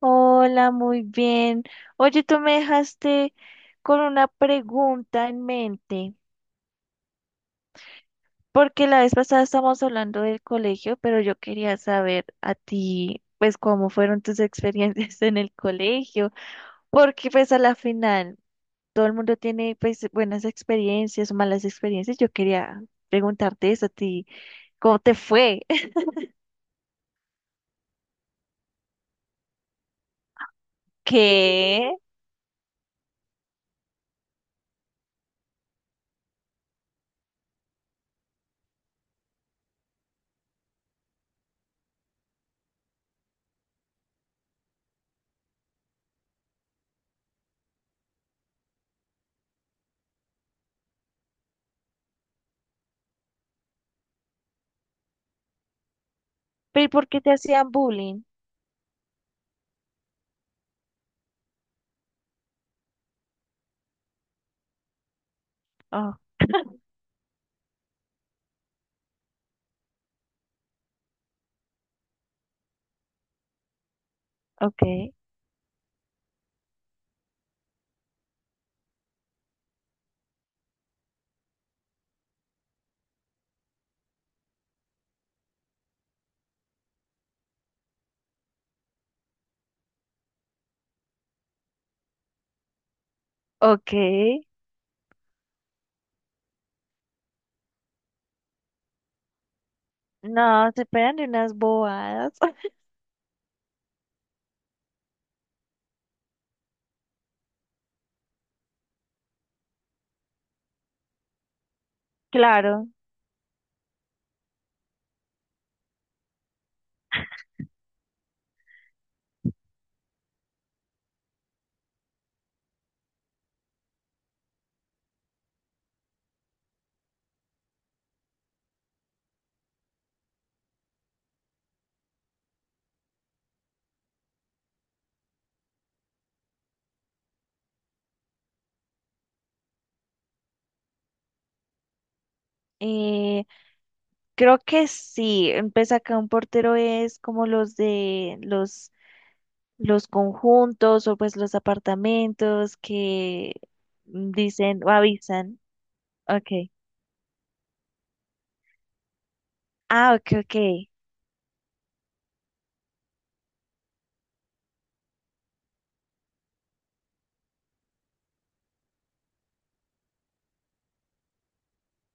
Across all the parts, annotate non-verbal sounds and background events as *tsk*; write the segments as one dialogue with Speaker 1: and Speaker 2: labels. Speaker 1: Hola, muy bien. Oye, tú me dejaste con una pregunta en mente, porque la vez pasada estábamos hablando del colegio, pero yo quería saber a ti, pues, cómo fueron tus *laughs* experiencias en el colegio, porque pues a la final todo el mundo tiene pues buenas experiencias o malas experiencias. Yo quería preguntarte eso a ti, ¿cómo te fue? *laughs* ¿Qué? ¿Pero y por qué te hacían bullying? Oh, ok, ok. No, se pegan de unas bobadas. *laughs* Claro. Eh, Creo que sí. Empieza acá un portero es como los los conjuntos o pues los apartamentos que dicen o avisan. Okay. Ah, ok, ok.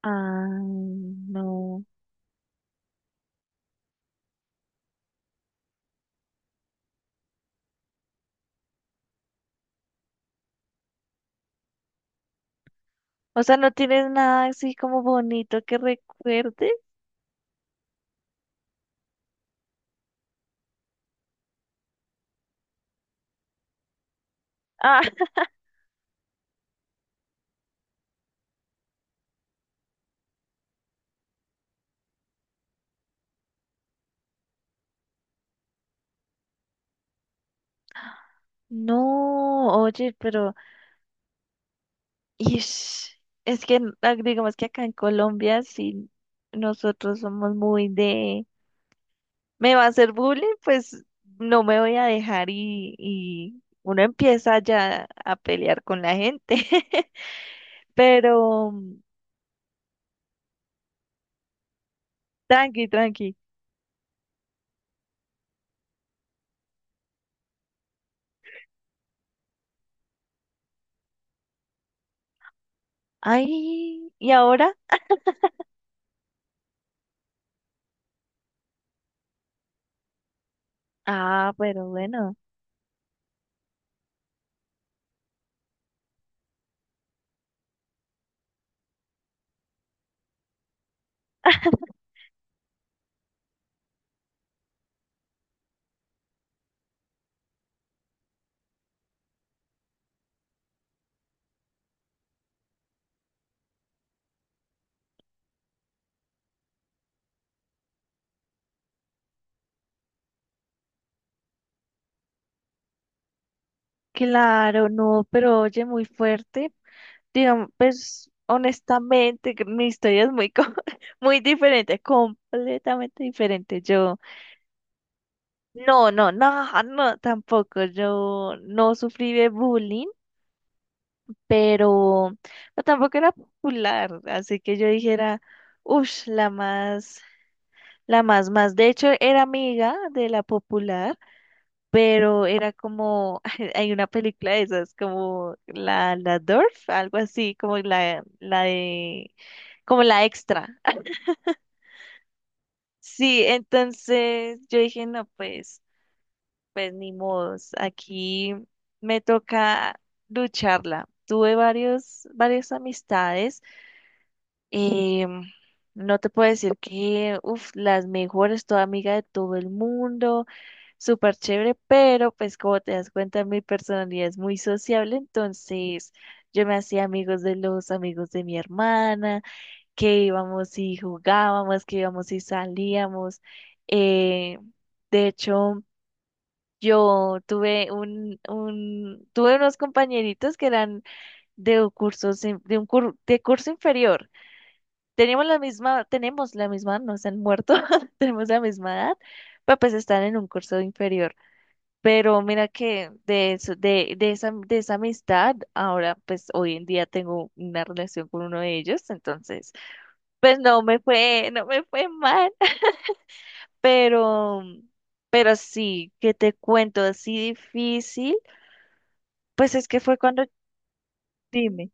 Speaker 1: Ah, no. O sea, ¿no tienes nada así como bonito que recuerde? Ah, *laughs* no, oye, pero y es que digamos que acá en Colombia, si nosotros somos muy de, me va a hacer bullying, pues no me voy a dejar y uno empieza ya a pelear con la gente. *laughs* Pero tranqui, tranqui. Ay, ¿y ahora? Ah, pero bueno, claro, no, pero oye, muy fuerte. Digamos, pues honestamente, que mi historia es muy, *laughs* muy diferente, completamente diferente. Yo. No, no, no, *laughs* no, tampoco. Yo no sufrí de bullying, pero no, tampoco era popular, así que yo dijera, uff, la más, más. De hecho, era amiga de la popular, pero era como, *laughs* hay una película de esas, como la Dorf, algo así, como la de, como la extra. *laughs* Sí, entonces yo dije, no, pues. Pues ni modos, aquí me toca lucharla. Tuve varias amistades. eh, no te puedo decir que, uff, las mejores, toda amiga de todo el mundo, súper chévere, pero pues como te das cuenta, mi personalidad es muy sociable, entonces yo me hacía amigos de los amigos de mi hermana, que íbamos y jugábamos, que íbamos y salíamos. eh, de hecho... Yo tuve tuve unos compañeritos que eran de cursos, de curso inferior. Teníamos la misma, tenemos la misma, no se han muerto, *laughs* tenemos la misma edad, pero pues están en un curso inferior. Pero mira que de eso, de esa amistad, ahora pues hoy en día tengo una relación con uno de ellos, entonces pues no me fue, no me fue mal, *laughs* pero, pero sí, que te cuento así difícil. Pues es que fue cuando, dime,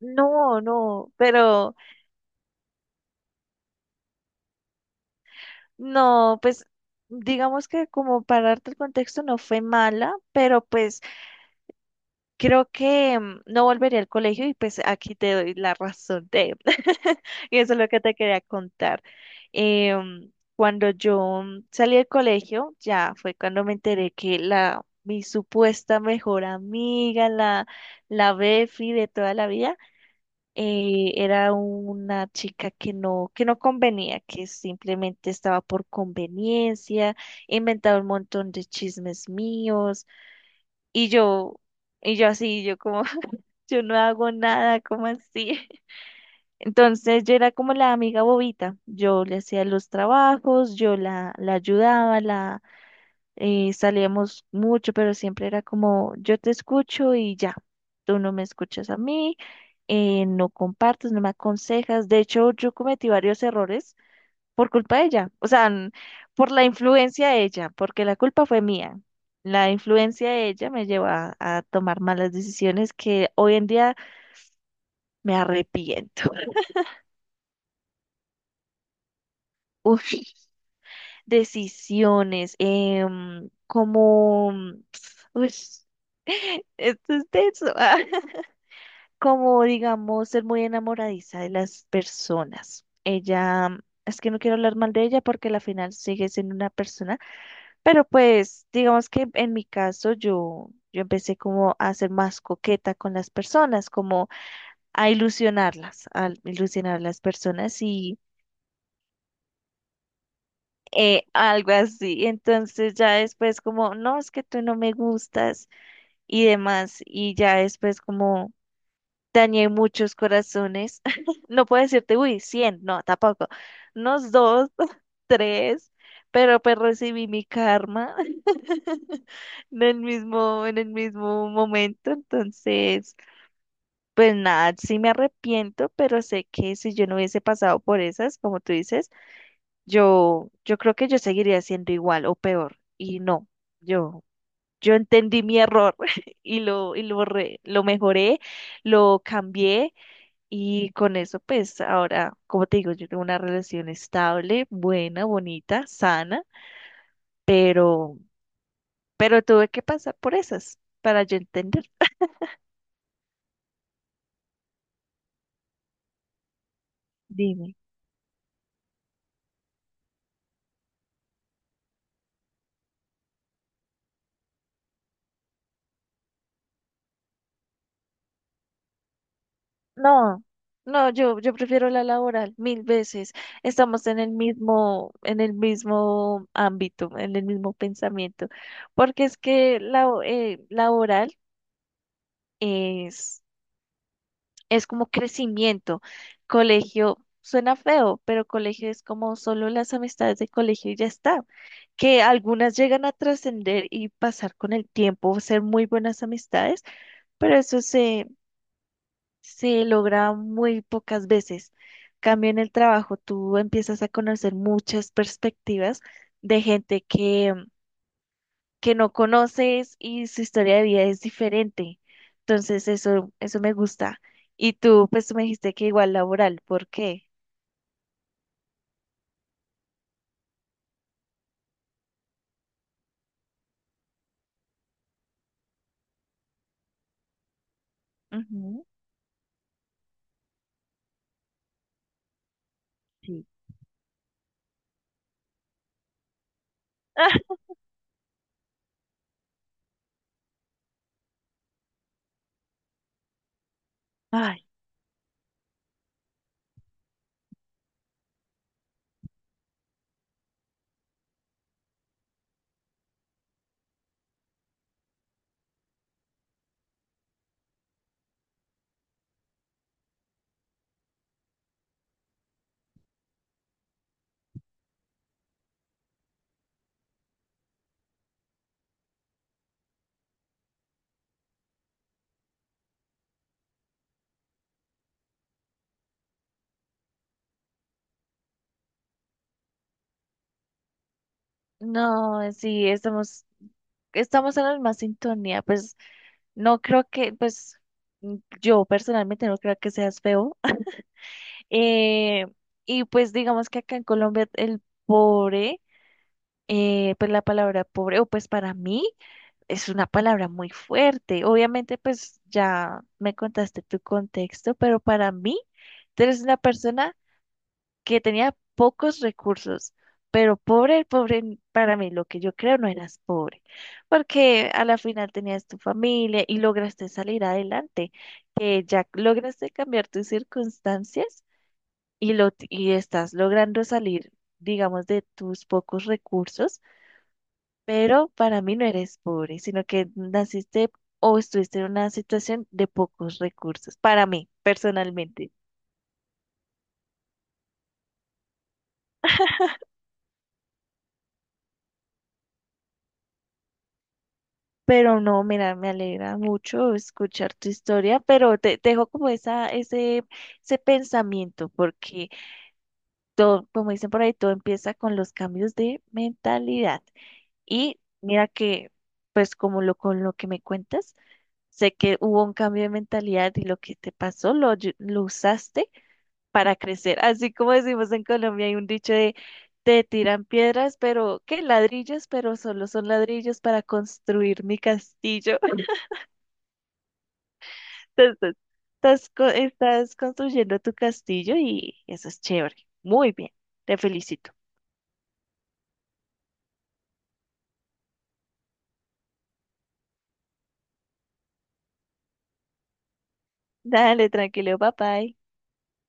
Speaker 1: no, no, pero no, pues digamos que como para darte el contexto no fue mala, pero pues creo que no volvería al colegio y pues aquí te doy la razón de, *laughs* y eso es lo que te quería contar. Cuando yo salí del colegio, ya fue cuando me enteré que la, mi supuesta mejor amiga, la, la Befi de toda la vida, era una chica que no convenía, que simplemente estaba por conveniencia, inventaba un montón de chismes míos, y yo, y yo así, yo como, *laughs* yo no hago nada, ¿como así? *laughs* Entonces yo era como la amiga bobita, yo le hacía los trabajos, yo la, la ayudaba, la salíamos mucho, pero siempre era como yo te escucho y ya, tú no me escuchas a mí, no compartes, no me aconsejas. De hecho, yo cometí varios errores por culpa de ella, o sea, por la influencia de ella, porque la culpa fue mía. La influencia de ella me llevó a tomar malas decisiones que hoy en día me arrepiento. *laughs* Uf, decisiones, como... *tsk* uy, *laughs* esto es tenso. *laughs* Como digamos, ser muy enamoradiza de las personas. Ella, es que no quiero hablar mal de ella porque al final sigue siendo una persona, pero pues digamos que en mi caso yo, yo empecé como a ser más coqueta con las personas, como a ilusionarlas, a ilusionar a las personas y algo así. Entonces ya después como, no, es que tú no me gustas y demás, y ya después como... Dañé muchos corazones. *laughs* No puedo decirte, uy, 100, no, tampoco. Unos dos, *laughs* tres, pero pues recibí mi karma *laughs* en el mismo momento. Entonces, pues nada, sí me arrepiento, pero sé que si yo no hubiese pasado por esas, como tú dices, yo creo que yo seguiría siendo igual o peor. Y no, yo, yo entendí mi error *laughs* lo mejoré, lo cambié. Y con eso, pues ahora, como te digo, yo tengo una relación estable, buena, bonita, sana, pero, pero tuve que pasar por esas para yo entender. Dime. No, no, yo prefiero la laboral mil veces. Estamos en el mismo ámbito, en el mismo pensamiento, porque es que la laboral es es como crecimiento. Colegio suena feo, pero colegio es como solo las amistades de colegio y ya está. Que algunas llegan a trascender y pasar con el tiempo, ser muy buenas amistades, pero eso se logra muy pocas veces. Cambio en el trabajo, tú empiezas a conocer muchas perspectivas de gente que no conoces y su historia de vida es diferente. Entonces, eso me gusta. Y tú, pues, tú me dijiste que igual laboral, ¿por qué? Ujú. Sí. *laughs* Ay, no, sí, estamos, estamos en la misma sintonía. Pues, no creo que, pues, mm, yo personalmente no creo que seas feo. *laughs* Eh, y pues, digamos que acá en Colombia el pobre, pues la palabra pobre, o pues para mí es una palabra muy fuerte. Obviamente, pues ya me contaste tu contexto, pero para mí, tú eres una persona que tenía pocos recursos, pero pobre, pobre, para mí, lo que yo creo no eras pobre, porque a la final tenías tu familia y lograste salir adelante, que ya lograste cambiar tus circunstancias y, lo, y estás logrando salir, digamos, de tus pocos recursos, pero para mí no eres pobre, sino que naciste o estuviste en una situación de pocos recursos, para mí, personalmente. Pero no, mira, me alegra mucho escuchar tu historia, pero te dejo como esa, ese pensamiento, porque todo, como dicen por ahí, todo empieza con los cambios de mentalidad. Y mira que, pues como lo con lo que me cuentas, sé que hubo un cambio de mentalidad y lo que te pasó lo, lo usaste para crecer. Así como decimos en Colombia, hay un dicho de te tiran piedras, pero ¿qué? Ladrillos, pero solo son ladrillos para construir mi castillo. *laughs* Entonces, estás, estás construyendo tu castillo y eso es chévere. Muy bien, te felicito. Dale, tranquilo, bye bye.